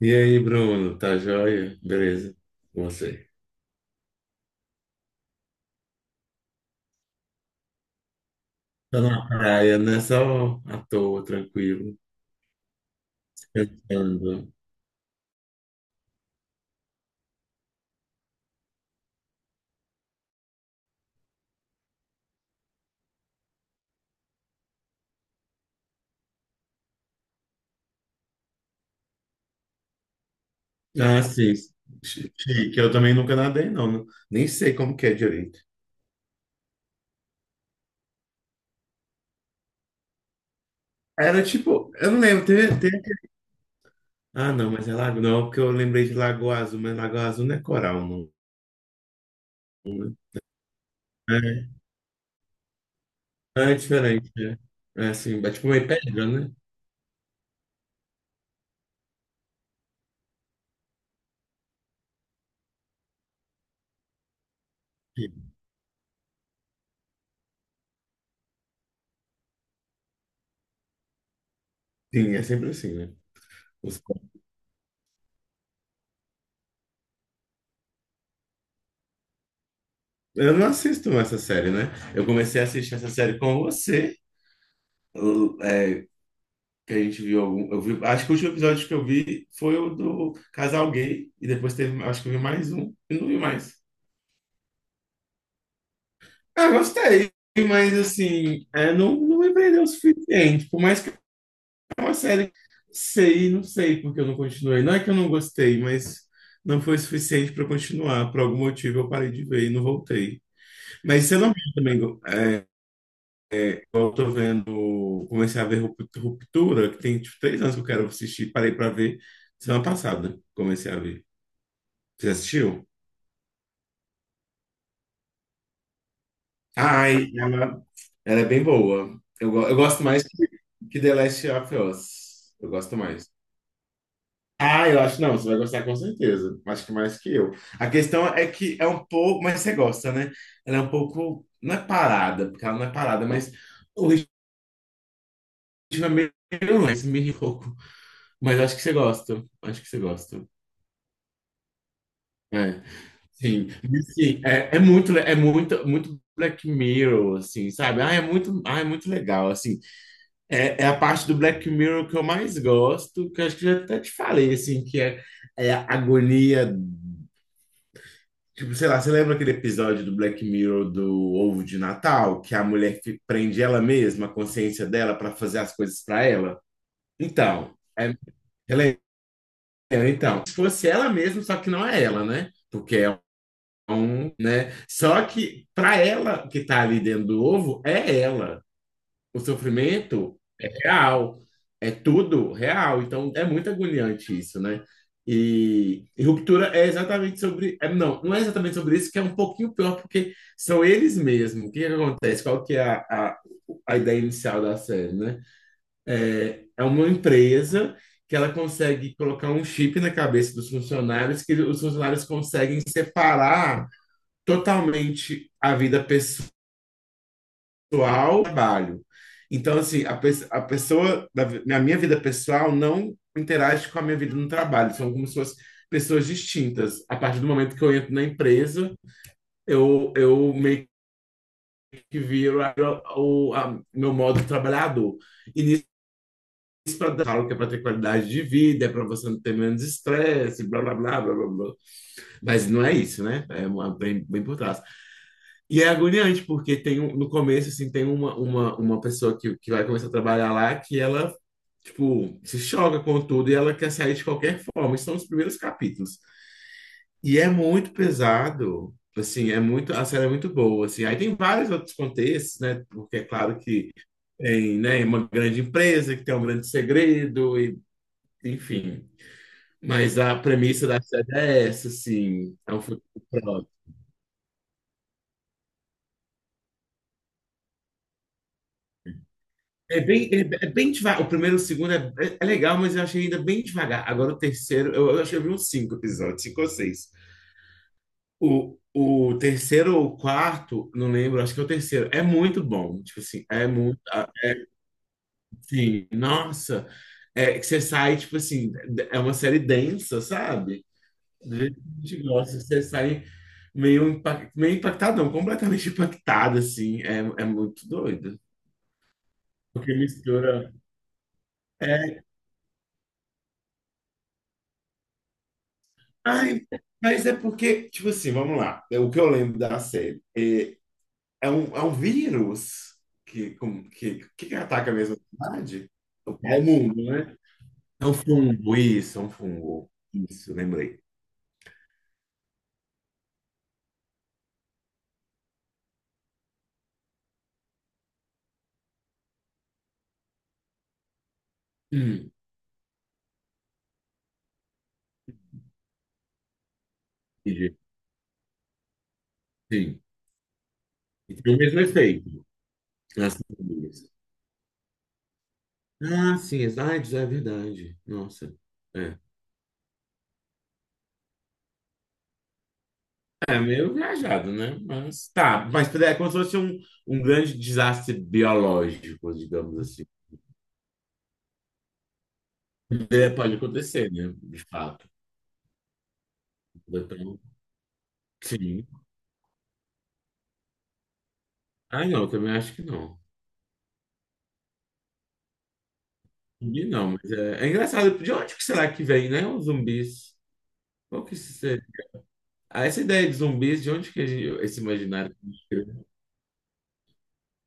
E aí, Bruno, tá joia? Beleza, com você? Tô na praia, né? Só à toa, tranquilo, pensando. Ah, sim, chique. Eu também nunca nadei, não. Nem sei como que é direito. Era tipo, eu não lembro, Ah, não, mas é lago, não, porque eu lembrei de Lagoa Azul, mas Lagoa Azul não é coral, não. Não, né? É, é diferente, né? É assim, é tipo meio pedra, né? Sim, é sempre assim, né? Os- Eu não assisto essa série, né? Eu comecei a assistir essa série com você. é, que a gente viu algum. Eu vi, acho que o último episódio que eu vi foi o do casal gay. E depois teve, acho que eu vi mais um. E não vi mais. Ah, gostei. Mas assim, é, não, não me prendeu o suficiente. Por mais que é uma série. Não sei porque eu não continuei. Não é que eu não gostei, mas não foi suficiente para continuar. Por algum motivo eu parei de ver e não voltei. Mas você não viu também. É, eu tô vendo, comecei a ver Ruptura, que tem tipo, 3 anos que eu quero assistir, parei pra ver semana passada, comecei a ver. Você assistiu? Ai, ela é bem boa. Eu gosto mais que, The Last of Us. Eu gosto mais. Ah, eu acho não, você vai gostar com certeza. Acho que mais que eu. A questão é que é um pouco, mas você gosta, né? Ela é um pouco, não é parada, porque ela não é parada, mas o ritmo é meio lento, meio louco. Mas acho que você gosta. Acho que você gosta. É. Sim, mas, assim, é muito, muito Black Mirror, assim, sabe? Ah, é muito legal, assim. É a parte do Black Mirror que eu mais gosto, que eu acho que eu até te falei, assim, que é a agonia, tipo, sei lá, você lembra aquele episódio do Black Mirror do Ovo de Natal, que a mulher prende ela mesma, a consciência dela, para fazer as coisas para ela? Então, é, ela é- então, se fosse ela mesma, só que não é ela, né? Porque é Então, né? Só que para ela que está ali dentro do ovo, é ela. O sofrimento é real, é tudo real. Então é muito agoniante isso, né? E Ruptura é exatamente sobre, não, não é exatamente sobre isso, que é um pouquinho pior, porque são eles mesmos. O que que acontece? Qual que é a, a ideia inicial da série, né? É uma empresa que ela consegue colocar um chip na cabeça dos funcionários, que os funcionários conseguem separar totalmente a vida pessoal, e trabalho. Então, assim, a pessoa da na minha vida pessoal não interage com a minha vida no trabalho, são como se fossem pessoas distintas. A partir do momento que eu entro na empresa, eu meio que viro meu modo trabalhador. E nisso, falo que é para ter qualidade de vida, é para você não ter menos estresse, blá, blá, blá, blá, blá, blá. Mas não é isso, né? Bem, bem por trás. E é agoniante, porque tem no começo, assim, tem uma pessoa que vai começar a trabalhar lá que ela, tipo, se choca com tudo e ela quer sair de qualquer forma. Esses são os primeiros capítulos. E é muito pesado, assim, a série é muito boa, assim. Aí tem vários outros contextos, né? Porque é claro que tem, né, uma grande empresa que tem um grande segredo, enfim. Mas a premissa da série é essa, assim, é um futuro. É bem, é bem devagar. O primeiro e o segundo é legal, mas eu achei ainda bem devagar. Agora o terceiro, eu acho que eu vi uns cinco episódios, cinco ou seis. O terceiro ou o quarto, não lembro, acho que é o terceiro. É muito bom. Tipo assim, é muito. Assim, nossa, é que você sai, tipo assim, é uma série densa, sabe? Do jeito que a gente gosta, você sai meio impactado, não, completamente impactado, assim. É muito doido. Porque mistura. é, Ai, mas é porque, tipo assim, vamos lá. O que eu lembro da série é um vírus que, como- que ataca mesmo a cidade? O mundo, né? É um fungo, isso, é um fungo. Isso, lembrei. Hum, entendi. Sim. E tem o mesmo efeito nas famílias. Ah, sim, AIDS é verdade. Nossa. É. É meio viajado, né? Mas tá, mas é como se fosse um grande desastre biológico, digamos assim. É, pode acontecer, né? De fato. Então, sim. Ah, não, eu também acho que não. Zumbi não, mas é engraçado. De onde que será que vem, né? Os zumbis. Qual que isso é? Ah, essa ideia de zumbis, de onde que esse imaginário que a gente criou?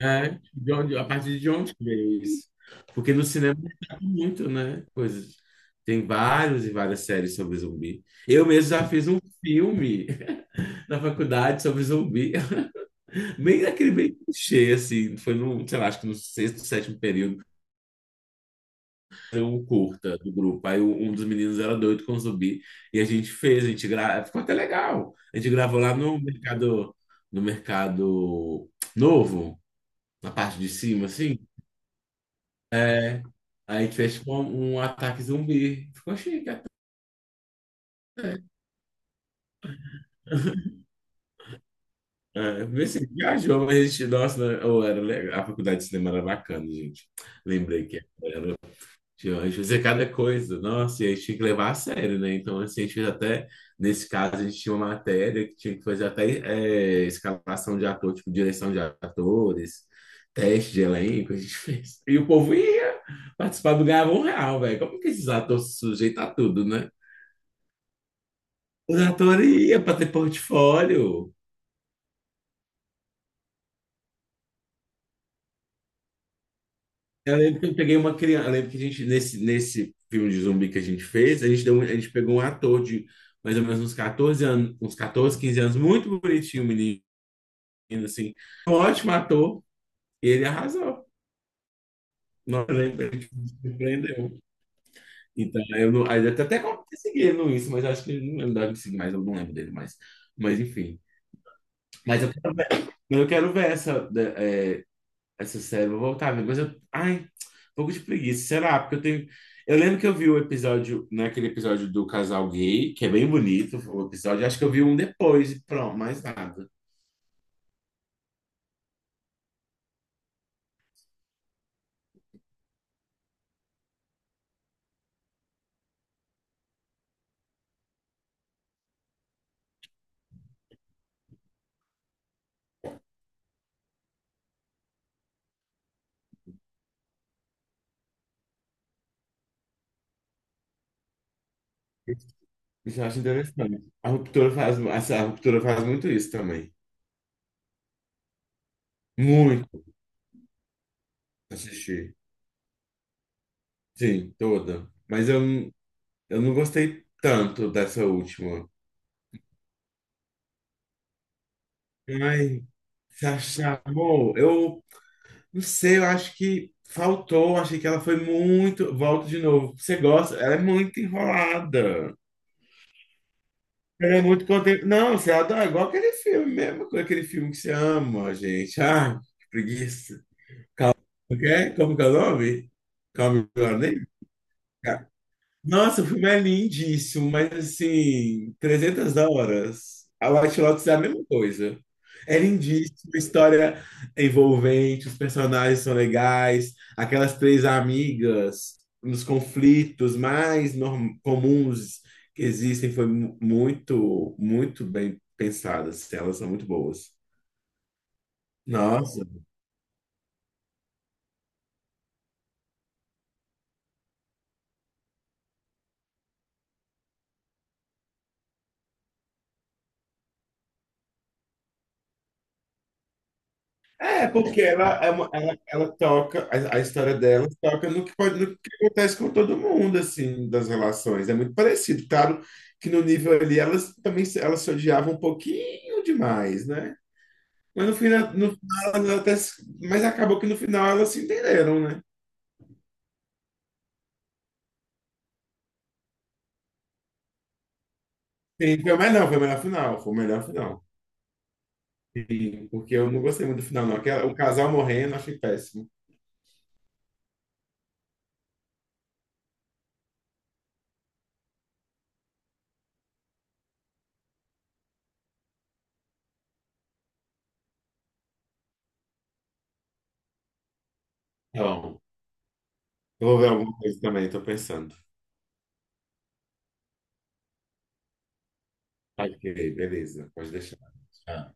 É, de onde, a partir de onde que veio isso? Porque no cinema tá muito, né? Coisas. Tem vários e várias séries sobre zumbi. Eu mesmo já fiz um filme na faculdade sobre zumbi. Bem aquele bem clichê, assim. Foi no, sei lá, acho que no sexto, sétimo período. Um curta do grupo. Aí um dos meninos era doido com zumbi e a gente fez, ficou até legal. A gente gravou lá no mercado, no mercado novo, na parte de cima, assim, né? Aí a gente fez tipo um ataque zumbi. Ficou chique até. É, vê se viajou, mas a gente, nossa, né? Ou era legal. A faculdade de cinema era bacana, gente. Lembrei que a gente fazia cada coisa, nossa, e a gente tinha que levar a sério, né? Então, assim, a gente fez até, nesse caso, a gente tinha uma matéria que tinha que fazer até escalação de ator, tipo, direção de atores, teste de elenco, a gente fez. E o povo ia participar do Ganhava um Real, velho. Como que esses atores se sujeitam a tudo, né? Os atores iam para ter portfólio. Eu lembro que eu peguei uma criança. Eu lembro que a gente, nesse filme de zumbi que a gente fez, a gente pegou um ator de mais ou menos uns 14 anos, uns 14, 15 anos, muito bonitinho, o menino, assim. Um ótimo ator, e ele arrasou. Não eu lembro, ele me surpreendeu. Então, eu não, aí eu até consegui ele isso, mas eu acho que ele não deve me seguir mais, eu não lembro dele mais. Mas, enfim. Mas eu quero ver essa. é, Essa série, vou voltar a mas eu. Ai, um pouco de preguiça. Será? Porque eu tenho. Eu lembro que eu vi o episódio, naquele episódio do casal gay, que é bem bonito o episódio. Acho que eu vi um depois e pronto, mais nada. Isso eu acho interessante. A ruptura faz muito isso também. Muito assistir. Sim, toda. Mas eu não gostei tanto dessa última. Ai, se achar, amor, eu. Não sei, eu acho que faltou. Achei que ela foi muito. Volto de novo. Você gosta? Ela é muito enrolada. Ela é muito contente. Não, você adora. Igual aquele filme mesmo, com aquele filme que você ama, gente. Ah, que preguiça. Ok? Como que é o nome? Como que é o nome? Nossa, o filme é lindíssimo, mas assim, 300 horas. A White Lotus é a mesma coisa. É lindíssimo, a história é envolvente, os personagens são legais, aquelas três amigas nos conflitos mais comuns que existem foi muito, muito bem pensadas. Elas são muito boas. Nossa. É, porque ela, é uma- ela toca, a história dela toca no que, pode, no que acontece com todo mundo, assim, das relações. É muito parecido. Claro que no nível ali elas também elas se odiavam um pouquinho demais, né? Mas no final elas até, se- mas acabou que no final elas se entenderam, né? Sim, foi o melhor final, foi o melhor final. Sim, porque eu não gostei muito do final, não. O casal morrendo, eu achei péssimo. Então, eu vou ver alguma coisa também, estou pensando. Ok, beleza, pode deixar. Tchau.